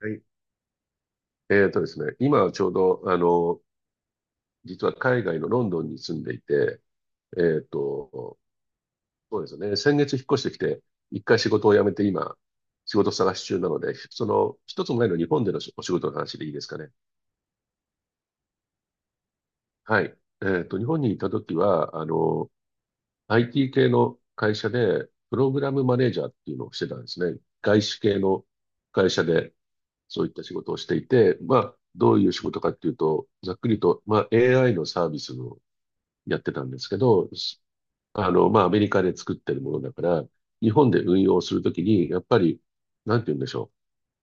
はい。えっとですね、今はちょうど、実は海外のロンドンに住んでいて、えっと、そうですね、先月引っ越してきて、一回仕事を辞めて今、仕事探し中なので、一つ前の日本でのお仕事の話でいいですかね。はい。日本にいた時は、IT 系の会社で、プログラムマネージャーっていうのをしてたんですね。外資系の会社で、そういった仕事をしていて、まあ、どういう仕事かっていうと、ざっくりと、まあ、AI のサービスのやってたんですけど、まあ、アメリカで作ってるものだから、日本で運用するときに、やっぱり、なんて言うんでしょ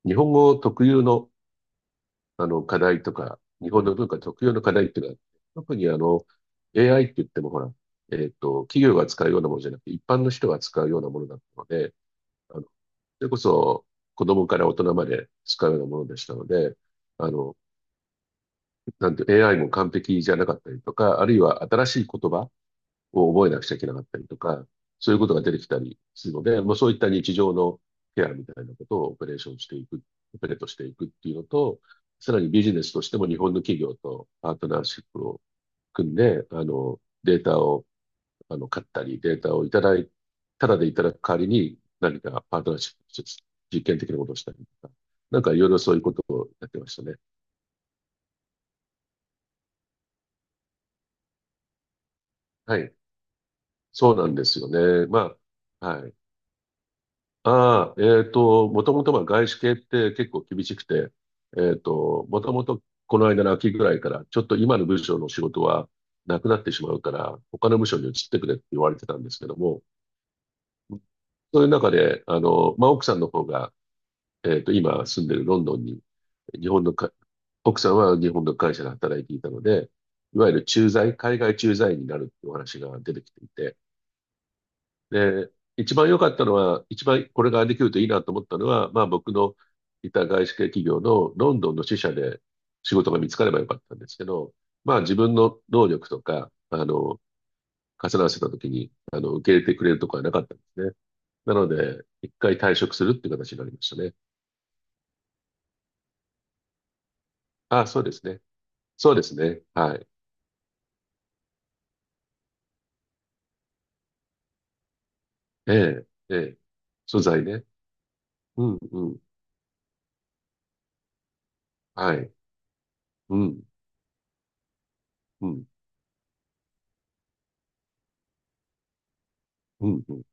う。日本語特有の、課題とか、日本の文化特有の課題っていうのは、特にAI って言ってもほら、企業が使うようなものじゃなくて、一般の人が使うようなものだったので、それこそ、子供から大人まで使うようなものでしたので、あの、なんて AI も完璧じゃなかったりとか、あるいは新しい言葉、を覚えなくちゃいけなかったりとか、そういうことが出てきたりするので、もうそういった日常のケアみたいなことをオペレーションしていく、オペレートしていくっていうのと、さらにビジネスとしても日本の企業とパートナーシップを組んで、データを、買ったり、データをいただい、ただでいただく代わりに何かパートナーシップとして実験的なことをしたりとか、なんかいろいろそういうことをやってましたね。はい。そうなんですよね。まあ、はい。ああ、もともとまあ外資系って結構厳しくて、もともとこの間の秋ぐらいから、ちょっと今の部署の仕事はなくなってしまうから、他の部署に移ってくれって言われてたんですけども、そういう中で、まあ、奥さんの方が、今住んでるロンドンに、日本のか、奥さんは日本の会社で働いていたので、いわゆる駐在、海外駐在員になるっていうお話が出てきていて、で、一番良かったのは、一番これができるといいなと思ったのは、まあ僕のいた外資系企業のロンドンの支社で仕事が見つかればよかったんですけど、まあ自分の能力とか、重なわせた時に、受け入れてくれるとこはなかったんですね。なので、一回退職するっていう形になりましたね。ああ、そうですね。そうですね。はい。ええ、ええ。素材ね。うん、うん。はい。うん、うん、うん、うん。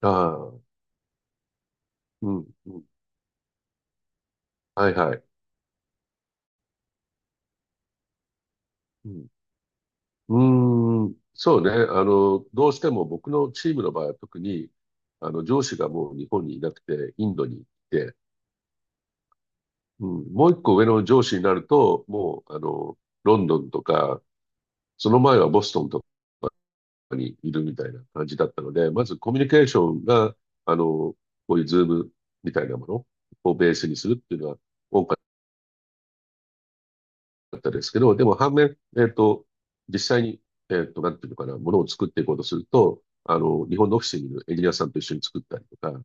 ああ、うん、うん。はい、はい。うんうーん、そうね。どうしても僕のチームの場合は特に、上司がもう日本にいなくて、インドに行って、うん、もう一個上の上司になると、もう、ロンドンとか、その前はボストンとかにいるみたいな感じだったので、まずコミュニケーションが、こういうズームみたいなものをベースにするっていうのは多かっただったんですけど、でも反面、実際に、なんていうのかな、ものを作っていこうとすると、日本のオフィスにいるエンジニアさんと一緒に作ったりとか、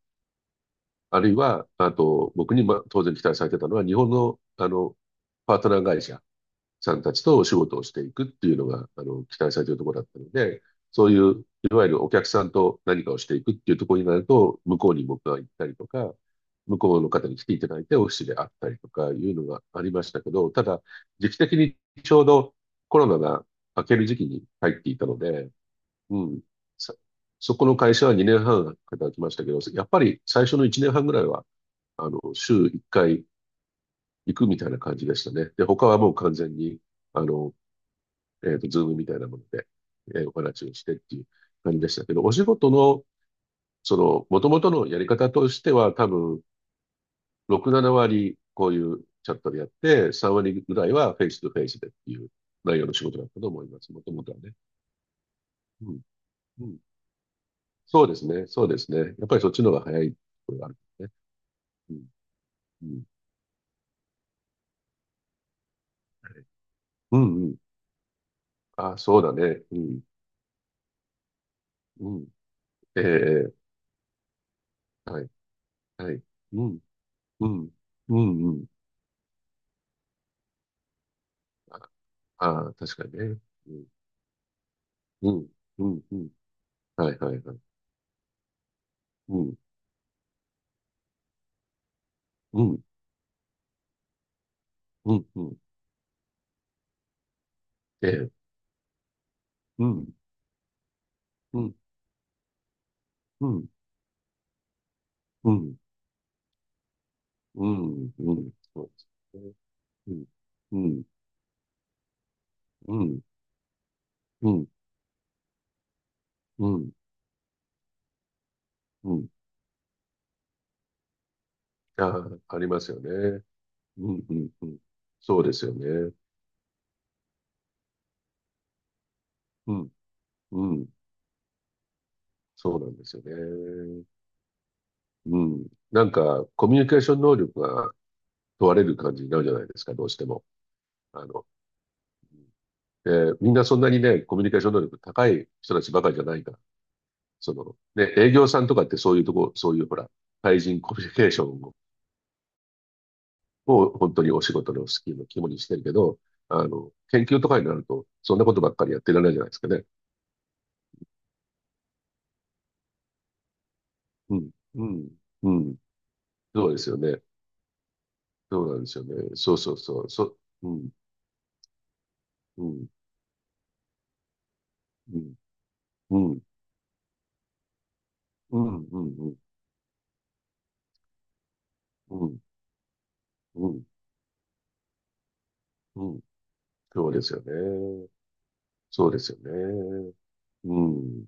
あるいは、あと、僕に、当然期待されてたのは、日本の、パートナー会社さんたちとお仕事をしていくっていうのが、期待されているところだったので、そういう、いわゆるお客さんと何かをしていくっていうところになると、向こうに僕が行ったりとか、向こうの方に来ていただいてオフィスで会ったりとかいうのがありましたけど、ただ、時期的にちょうどコロナが明ける時期に入っていたので、うん、そ、そこの会社は2年半働きましたけど、やっぱり最初の1年半ぐらいは、週1回行くみたいな感じでしたね。で、他はもう完全に、あの、ズームみたいなもので、お話をしてっていう感じでしたけど、お仕事の、もともとのやり方としては、多分、6、7割、こういうチャットでやって、3割ぐらいはフェイスとフェイスでっていう内容の仕事だったと思います、もともとはね。うん。うん。そうですね、そうですね。やっぱりそっちの方が早いところがあるね。うん。うん。うん、うん。あ、そうだね。うん。うん。ええ、ええはい。はい。うん。うん。うん、うん。あ、あ、確かにね。うんうん、うん、うん。はい、はい、はい。うん、うん、うん、うん。ええ、うん、うん、うん、うん、うん、うん。そうですね。うん、うん、うん、うん、うん。ああ、ありますよね。うん、うん、うん。そうですよね。うん、うん。そうなんですよね。うん。なんか、コミュニケーション能力が問われる感じになるじゃないですか、どうしても。あの、で、みんなそんなにね、コミュニケーション能力高い人たちばかりじゃないからね、営業さんとかってそういうとこ、そういうほら、対人コミュニケーションを、本当にお仕事のスキルの肝にしてるけど、研究とかになると、そんなことばっかりやってられないじゃないですかね。うん、うん、うん。そうですよね。そうなんですよね。そうそうそう。そ、うん、うん、うん、うん、うん、うん、うん、うん、うん。うんそうですよね。そうですよね。うん、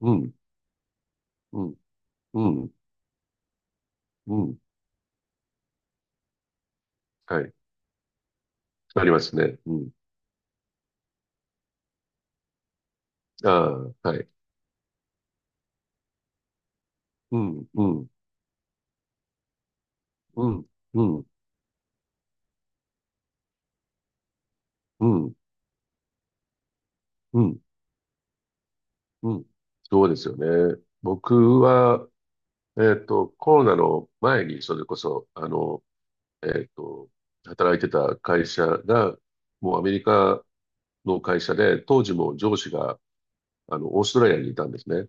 うん、うん、うん、うん。はい。ありますね。うん。ああ、はい。うん、うん。うん、うん、うん、うん、うん。そうですよね。僕は、コロナの前に、それこそ、えっと、働いてた会社が、もうアメリカの会社で、当時も上司が、オーストラリアにいたんですね。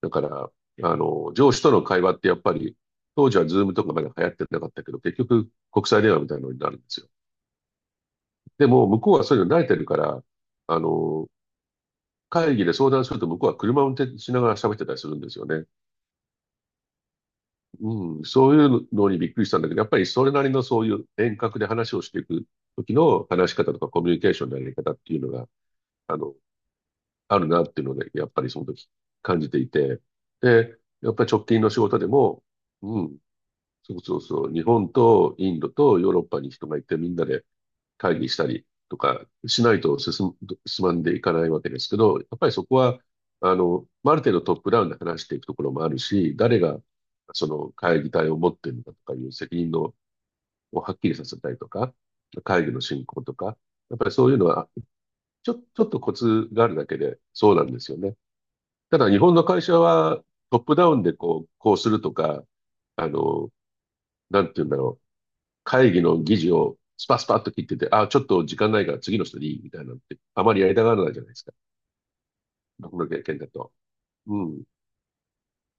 だから、上司との会話ってやっぱり、当時はズームとかまだ流行ってなかったけど、結局、国際電話みたいなのになるんですよ。でも、向こうはそういうの慣れてるから、あの、会議で相談すると向こうは車を運転しながら喋ってたりするんですよね。うん、そういうのにびっくりしたんだけど、やっぱりそれなりのそういう遠隔で話をしていく時の話し方とかコミュニケーションのやり方っていうのが、あの、あるなっていうので、やっぱりその時感じていて。で、やっぱり直近の仕事でも、うん、そうそうそう、日本とインドとヨーロッパに人がいてみんなで会議したりとかしないと進む、進まんでいかないわけですけど、やっぱりそこは、まあある程度トップダウンで話していくところもあるし、誰がその会議体を持っているのかとかいう責任のをはっきりさせたりとか、会議の進行とか、やっぱりそういうのは、ちょっとコツがあるだけでそうなんですよね。ただ日本の会社はトップダウンでこう、こうするとか、あの、なんて言うんだろう。会議の議事をスパスパッと切ってて、あ、ちょっと時間ないから次の人でいいみたいなのって、あまりやりたがらないじゃないですか。僕の経験だと。うん。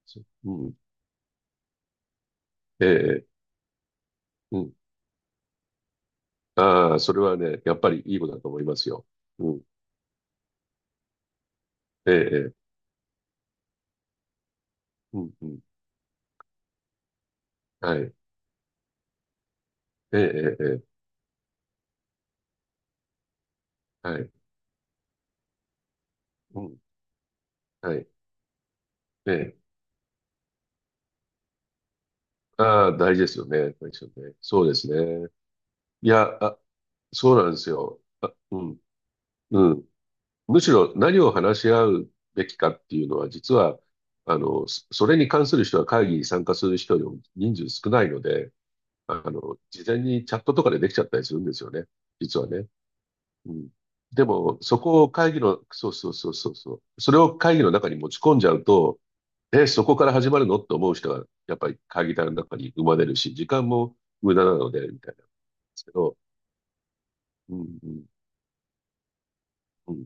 そううん。ええ、うん。ああ、それはね、やっぱりいいことだと思いますよ。うん。ええ、ええうん、うん。はい。ええ、ええ、ええはい。うん。はい。ええ。ああ、大事ですよね。大事ですよね。そうですね。いや、あ、そうなんですよ。あ、うん。うん。むしろ何を話し合うべきかっていうのは、実は、それに関する人は会議に参加する人よりも人数少ないので、事前にチャットとかでできちゃったりするんですよね。実はね。うん。でも、そこを会議の、そうそうそうそうそう。それを会議の中に持ち込んじゃうと、え、そこから始まるのって思う人が、やっぱり会議体の中に生まれるし、時間も無駄なので、みたいなんですけど、うん、うん、うん。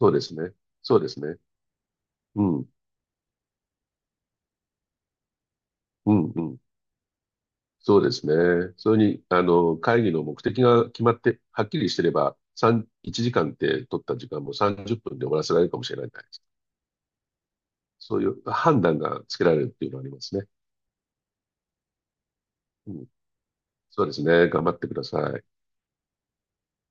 そうですね。そうですね。うん、うん、うん。そうですね。それに、会議の目的が決まって、はっきりしてれば、3、1時間って取った時間も30分で終わらせられるかもしれないじゃないですか。そういう判断がつけられるっていうのはありますね。うん。そうですね。頑張ってください。